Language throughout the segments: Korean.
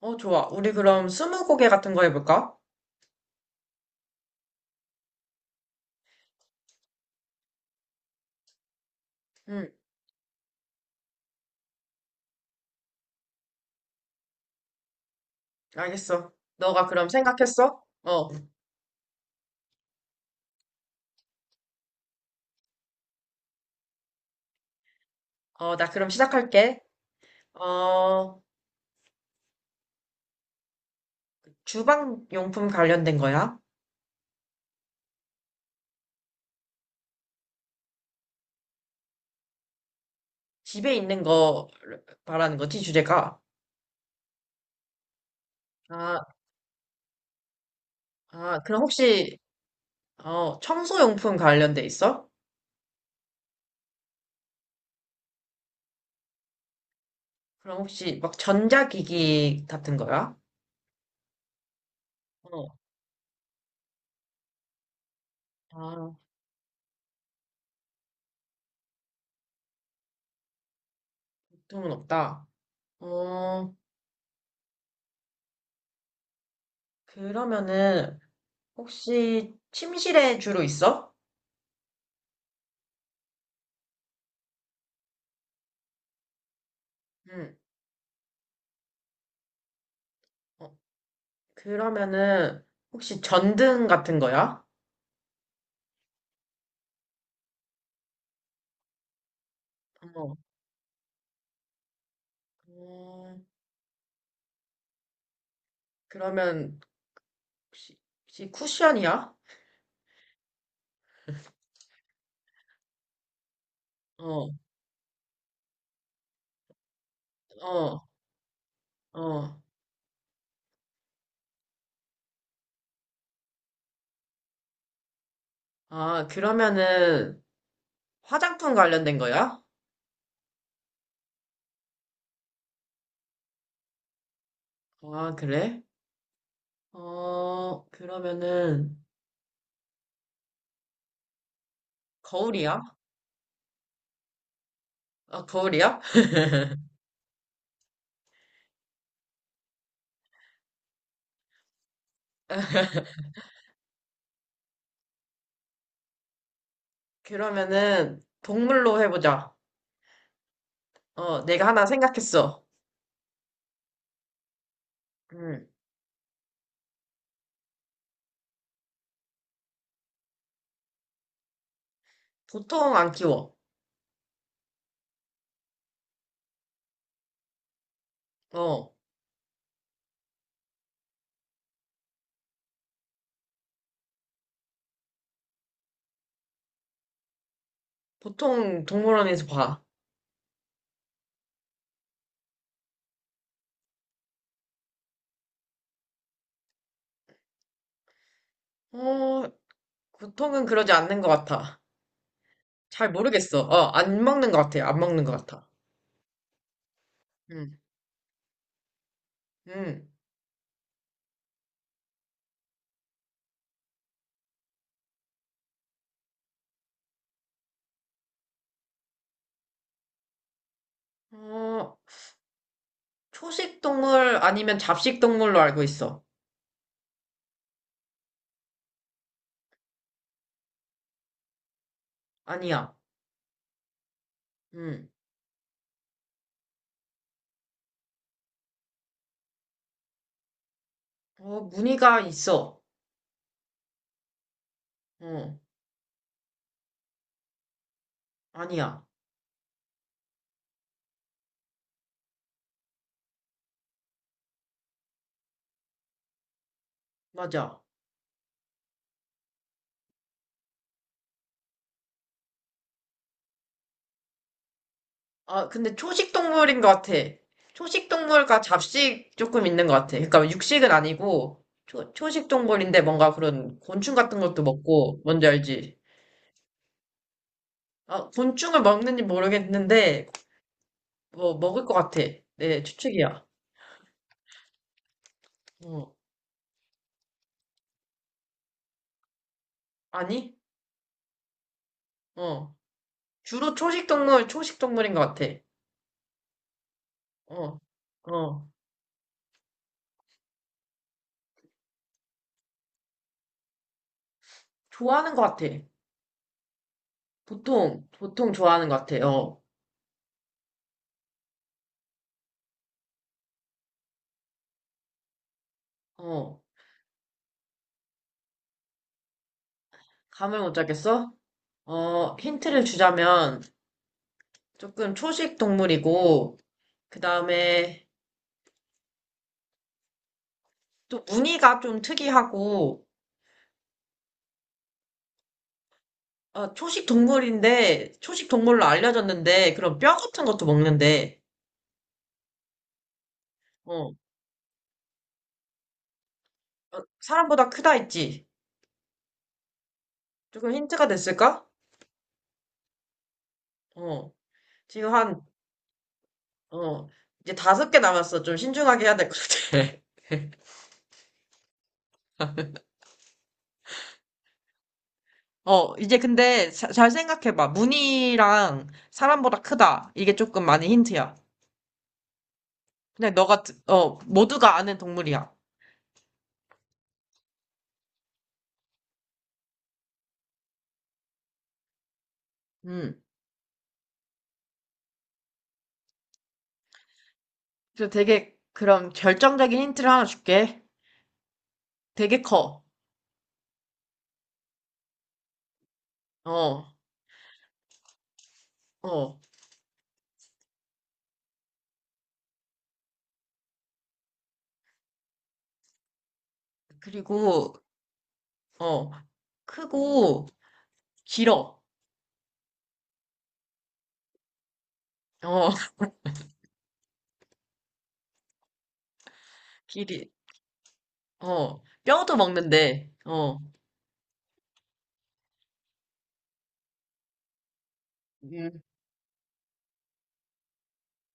어, 좋아. 우리 그럼 스무고개 같은 거 해볼까? 응, 알겠어. 너가 그럼 생각했어? 어, 어, 나 그럼 시작할게. 어, 주방 용품 관련된 거야? 집에 있는 거 말하는 거지, 주제가? 아, 아, 그럼 혹시, 어, 청소 용품 관련돼 있어? 그럼 혹시 막 전자기기 같은 거야? 어, 아, 보통은 없다. 어, 그러면은, 혹시 침실에 주로 있어? 응. 그러면은 혹시 전등 같은 거야? 어. 음, 그러면 혹시, 혹시 쿠션이야? 어, 어, 어. 아, 그러면은 화장품 관련된 거야? 아, 그래? 어, 그러면은 거울이야? 아, 거울이야? 그러면은 동물로 해보자. 어, 내가 하나 생각했어. 음, 보통 안 키워. 어, 보통 동물원에서 봐. 어, 보통은 그러지 않는 것 같아. 잘 모르겠어. 어, 안 먹는 것 같아요. 안 먹는 것 같아. 음, 음. 어, 초식 동물 아니면 잡식 동물로 알고 있어. 아니야. 음. 어, 무늬가 있어. 어, 아니야. 맞아. 아, 근데 초식 동물인 것 같아. 초식 동물과 잡식 조금 있는 것 같아. 그러니까 육식은 아니고, 초식 동물인데 뭔가 그런 곤충 같은 것도 먹고, 뭔지 알지? 아, 곤충을 먹는지 모르겠는데, 뭐, 먹을 것 같아. 내 추측이야. 어. 아니? 어. 주로 초식 동물, 초식 동물인 것 같아. 어, 어. 좋아하는 것 같아. 보통, 보통 좋아하는 것 같아. 어, 어. 감을 못 잡겠어? 어, 힌트를 주자면 조금 초식 동물이고, 그 다음에 또 무늬가 좀 특이하고, 어, 초식 동물인데, 초식 동물로 알려졌는데, 그런 뼈 같은 것도 먹는데, 어, 어, 사람보다 크다 했지? 조금 힌트가 됐을까? 어. 지금 한 어, 이제 다섯 개 남았어. 좀 신중하게 해야 될 것 같아. 어, 이제 근데 잘 생각해봐. 무늬랑 사람보다 크다. 이게 조금 많은 힌트야. 그냥 너가, 어, 모두가 아는 동물이야. 음. 그래서 되게, 그럼 결정적인 힌트를 하나 줄게. 되게 커. 어, 어. 그리고, 어, 크고, 길어. 어, 길이, 어, 뼈도 먹는데, 어. 음,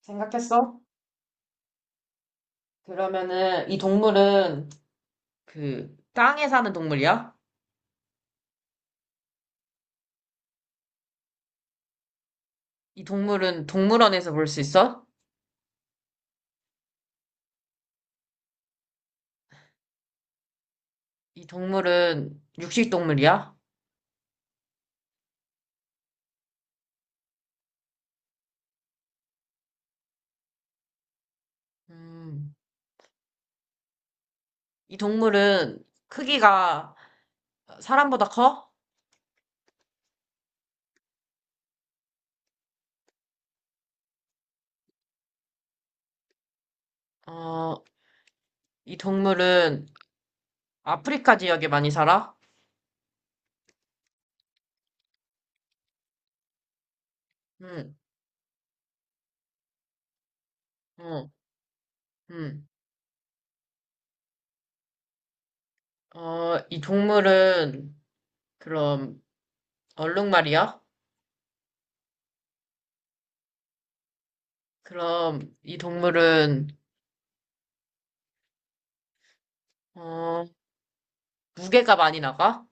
생각했어? 그러면은 이 동물은 그 땅에 사는 동물이야? 이 동물은 동물원에서 볼 수 있어? 이 동물은 육식 동물이야? 음, 이 동물은 크기가 사람보다 커? 어, 이 동물은 아프리카 지역에 많이 살아? 음, 어, 음. 어, 이 동물은 그럼 얼룩말이야? 그럼 이 동물은 어, 무게가 많이 나가?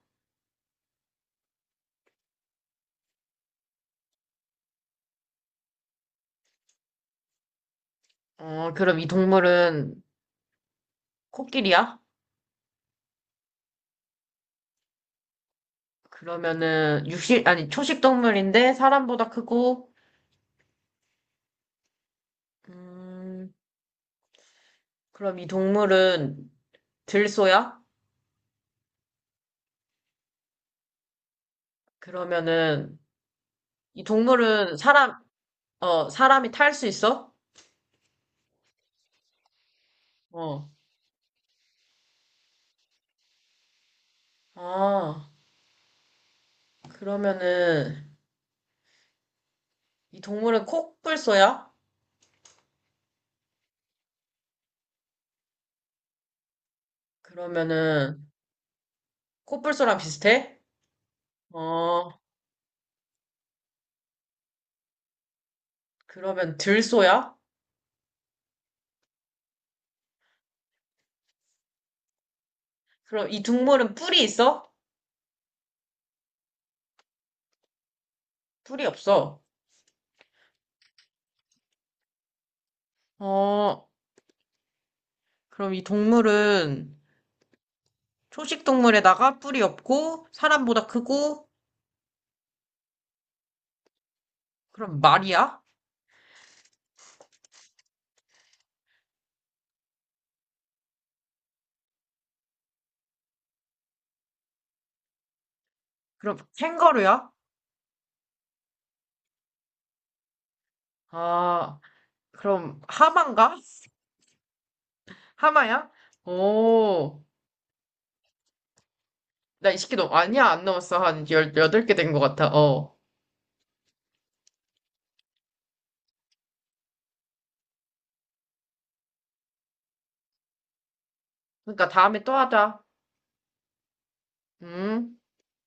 어, 그럼 이 동물은 코끼리야? 그러면은 육식 아니 초식 동물인데 사람보다 크고, 음, 그럼 이 동물은 들소야? 그러면은 이 동물은 사람, 어, 사람이 탈 수 있어? 어. 아, 그러면은 이 동물은 코뿔소야? 그러면은 코뿔소랑 비슷해? 어, 그러면 들소야? 그럼 이 동물은 뿔이 있어? 뿔이 없어. 어, 그럼 이 동물은 초식 동물에다가 뿔이 없고 사람보다 크고, 그럼 말이야? 그럼 캥거루야? 아, 그럼 하마인가? 하마야? 오, 나 이 새끼 너 아니야 안 넘었어 한 18개 된 것 같아. 어. 그러니까 다음에 또 하자. 음.